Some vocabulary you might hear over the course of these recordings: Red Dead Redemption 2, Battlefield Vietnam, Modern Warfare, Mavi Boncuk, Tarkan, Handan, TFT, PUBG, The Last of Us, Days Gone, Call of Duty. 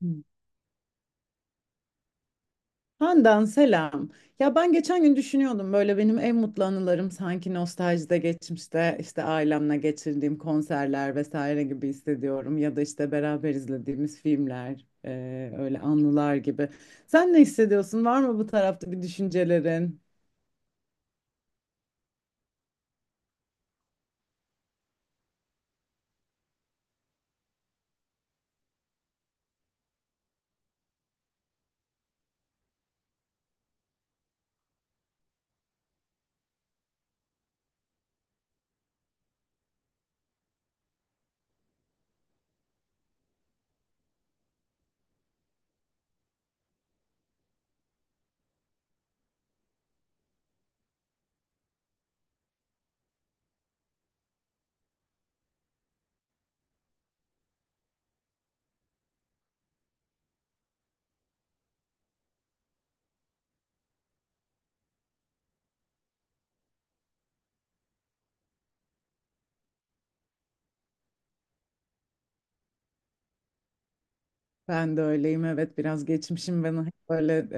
Hmm. Handan selam. Ya ben geçen gün düşünüyordum böyle benim en mutlu anılarım sanki nostaljide geçmişte işte ailemle geçirdiğim konserler vesaire gibi hissediyorum ya da işte beraber izlediğimiz filmler öyle anılar gibi. Sen ne hissediyorsun? Var mı bu tarafta bir düşüncelerin? Ben de öyleyim, evet, biraz geçmişim beni hep böyle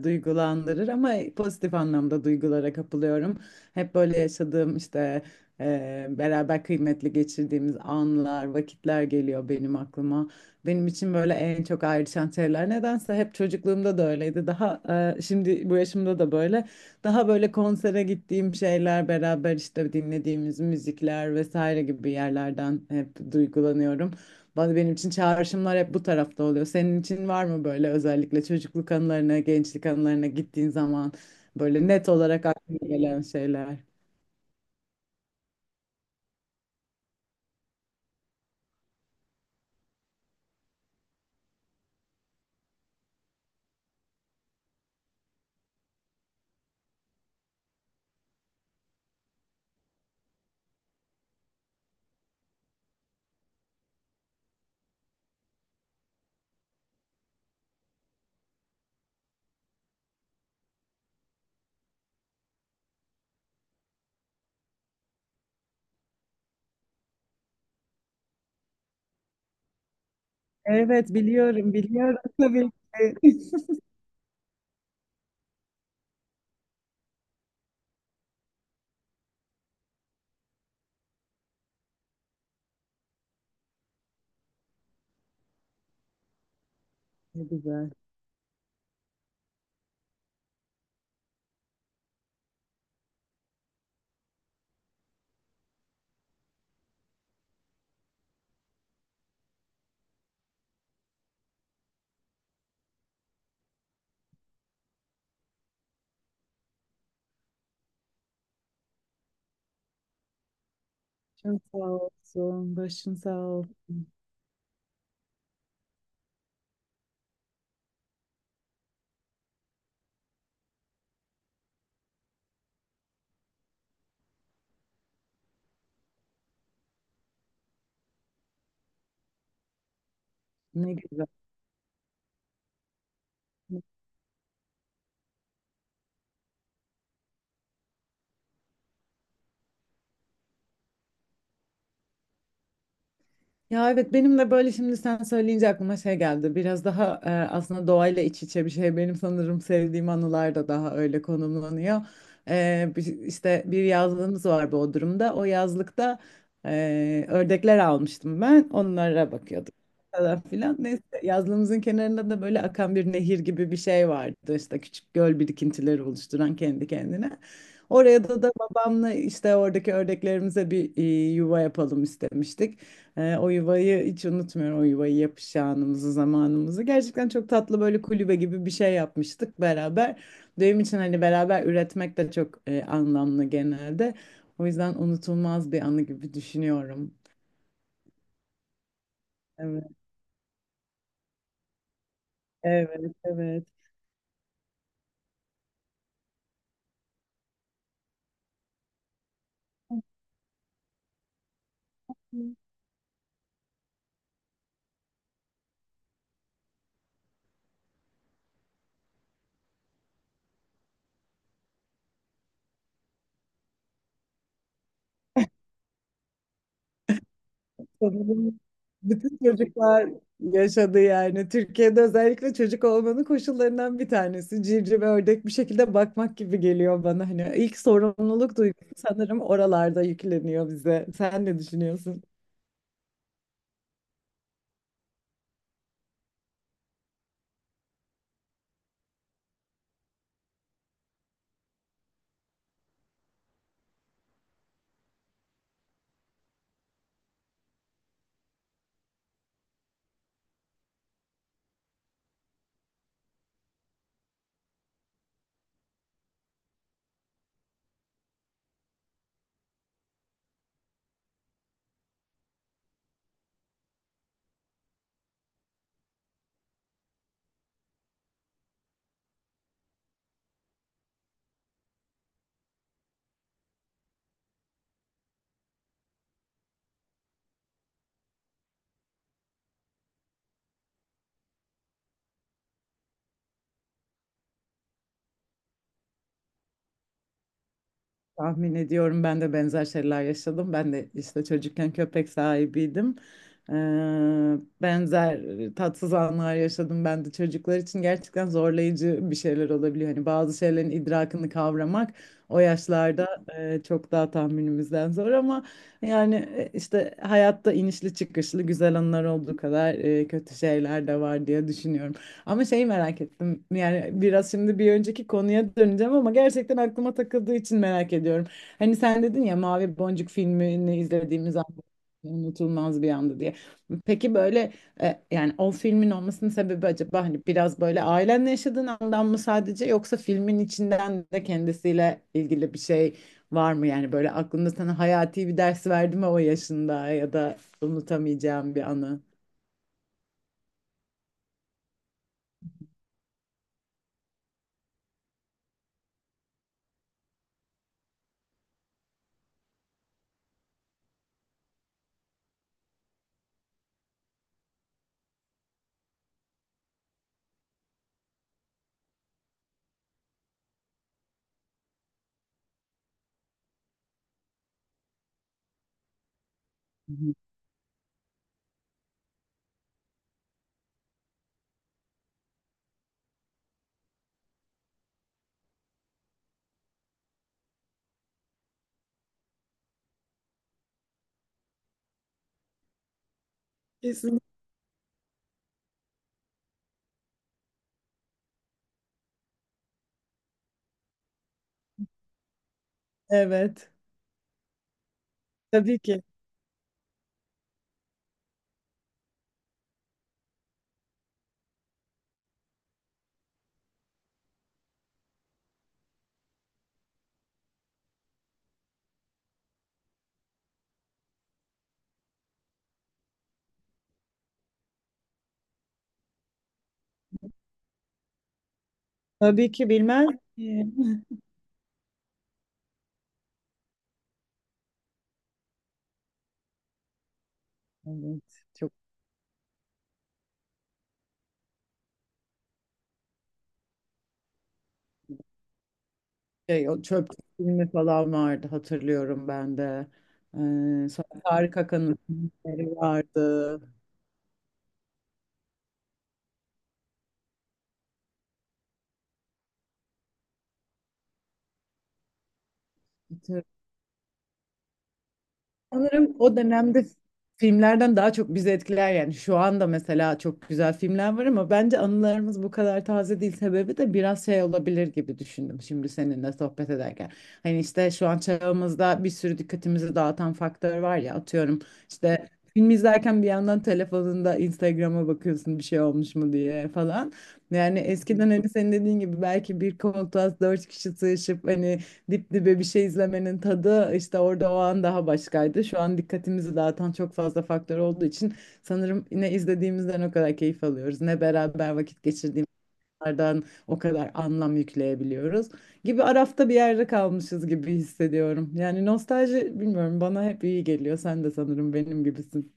duygulandırır ama pozitif anlamda duygulara kapılıyorum. Hep böyle yaşadığım işte beraber kıymetli geçirdiğimiz anlar, vakitler geliyor benim aklıma. Benim için böyle en çok ayrışan şeyler nedense hep çocukluğumda da öyleydi. Şimdi bu yaşımda da böyle daha böyle konsere gittiğim şeyler beraber işte dinlediğimiz müzikler vesaire gibi yerlerden hep duygulanıyorum. Bana benim için çağrışımlar hep bu tarafta oluyor. Senin için var mı böyle özellikle çocukluk anılarına, gençlik anılarına gittiğin zaman böyle net olarak aklına gelen şeyler? Evet, biliyorum, tabii ki. Ne güzel. Çok sağ olsun, başın sağ olsun. Ne güzel. Ya evet, benim de böyle şimdi sen söyleyince aklıma şey geldi. Biraz daha aslında doğayla iç içe bir şey. Benim sanırım sevdiğim anılar da daha öyle konumlanıyor. E, işte bir yazlığımız var Bodrum'da. O yazlıkta ördekler almıştım ben. Onlara bakıyordum falan filan. Neyse yazlığımızın kenarında da böyle akan bir nehir gibi bir şey vardı. İşte küçük göl birikintileri oluşturan kendi kendine. Oraya da babamla işte oradaki ördeklerimize bir yuva yapalım istemiştik. O yuvayı hiç unutmuyorum. O yuvayı yapış anımızı, zamanımızı. Gerçekten çok tatlı böyle kulübe gibi bir şey yapmıştık beraber. Benim için hani beraber üretmek de çok anlamlı genelde. O yüzden unutulmaz bir anı gibi düşünüyorum. Evet, evet, evet. Sanırım bütün çocuklar yaşadı yani. Türkiye'de özellikle çocuk olmanın koşullarından bir tanesi. Civciv, ördek bir şekilde bakmak gibi geliyor bana. Hani ilk sorumluluk duygusu sanırım oralarda yükleniyor bize. Sen ne düşünüyorsun? Tahmin ediyorum, ben de benzer şeyler yaşadım. Ben de işte çocukken köpek sahibiydim. Ee, Benzer tatsız anlar yaşadım ben de, çocuklar için gerçekten zorlayıcı bir şeyler olabiliyor. Hani bazı şeylerin idrakını kavramak o yaşlarda çok daha tahminimizden zor ama yani işte hayatta inişli çıkışlı güzel anlar olduğu kadar kötü şeyler de var diye düşünüyorum. Ama şeyi merak ettim. Yani biraz şimdi bir önceki konuya döneceğim ama gerçekten aklıma takıldığı için merak ediyorum. Hani sen dedin ya Mavi Boncuk filmini izlediğimiz an unutulmaz bir andı diye. Peki böyle yani o filmin olmasının sebebi acaba hani biraz böyle ailenle yaşadığın andan mı sadece, yoksa filmin içinden de kendisiyle ilgili bir şey var mı? Yani böyle aklında sana hayati bir ders verdi mi o yaşında, ya da unutamayacağım bir anı? Hı hı. Kesinlikle. Evet. Tabii ki. Tabii ki bilmez miyim? Evet, çok şey, o çöp filmi falan vardı, hatırlıyorum ben de. Sonra Tarık Akan'ın filmleri vardı. Sanırım o dönemde filmlerden daha çok bizi etkiler, yani şu anda mesela çok güzel filmler var ama bence anılarımız bu kadar taze değil, sebebi de biraz şey olabilir gibi düşündüm şimdi seninle sohbet ederken. Hani işte şu an çağımızda bir sürü dikkatimizi dağıtan faktör var ya, atıyorum işte film izlerken bir yandan telefonunda Instagram'a bakıyorsun bir şey olmuş mu diye falan. Yani eskiden hani senin dediğin gibi belki bir koltuğa dört kişi sığışıp hani dip dibe bir şey izlemenin tadı işte orada o an daha başkaydı. Şu an dikkatimizi dağıtan çok fazla faktör olduğu için sanırım ne izlediğimizden o kadar keyif alıyoruz, ne beraber vakit geçirdiğimizden o kadar anlam yükleyebiliyoruz. Gibi arafta bir yerde kalmışız gibi hissediyorum. Yani nostalji, bilmiyorum, bana hep iyi geliyor. Sen de sanırım benim gibisin.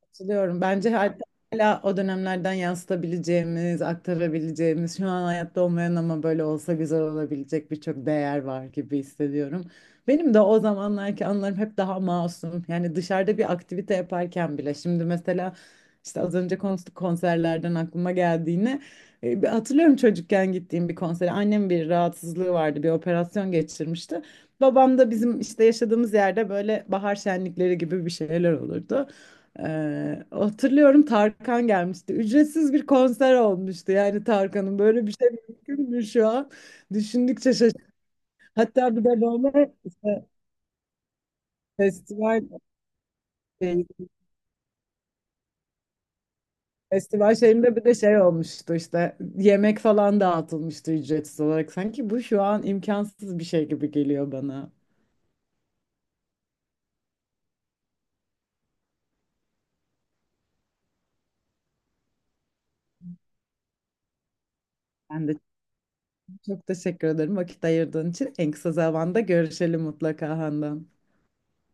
Katılıyorum. Bence hatta hala o dönemlerden yansıtabileceğimiz, aktarabileceğimiz, şu an hayatta olmayan ama böyle olsa güzel olabilecek birçok değer var gibi hissediyorum. Benim de o zamanlarki anılarım hep daha masum. Yani dışarıda bir aktivite yaparken bile. Şimdi mesela işte az önce konuştuk konserlerden aklıma geldiğini. E, bir hatırlıyorum çocukken gittiğim bir konsere. Annem bir rahatsızlığı vardı, bir operasyon geçirmişti. Babam da bizim işte yaşadığımız yerde böyle bahar şenlikleri gibi bir şeyler olurdu. Hatırlıyorum Tarkan gelmişti. Ücretsiz bir konser olmuştu. Yani Tarkan'ın böyle bir şey mümkün mü şu an? Düşündükçe şaşırdım. Hatta bir de böyle işte festival şey- festival şeyinde bir de şey olmuştu işte yemek falan dağıtılmıştı ücretsiz olarak. Sanki bu şu an imkansız bir şey gibi geliyor bana. Ben de çok teşekkür ederim vakit ayırdığın için. En kısa zamanda görüşelim mutlaka Handan.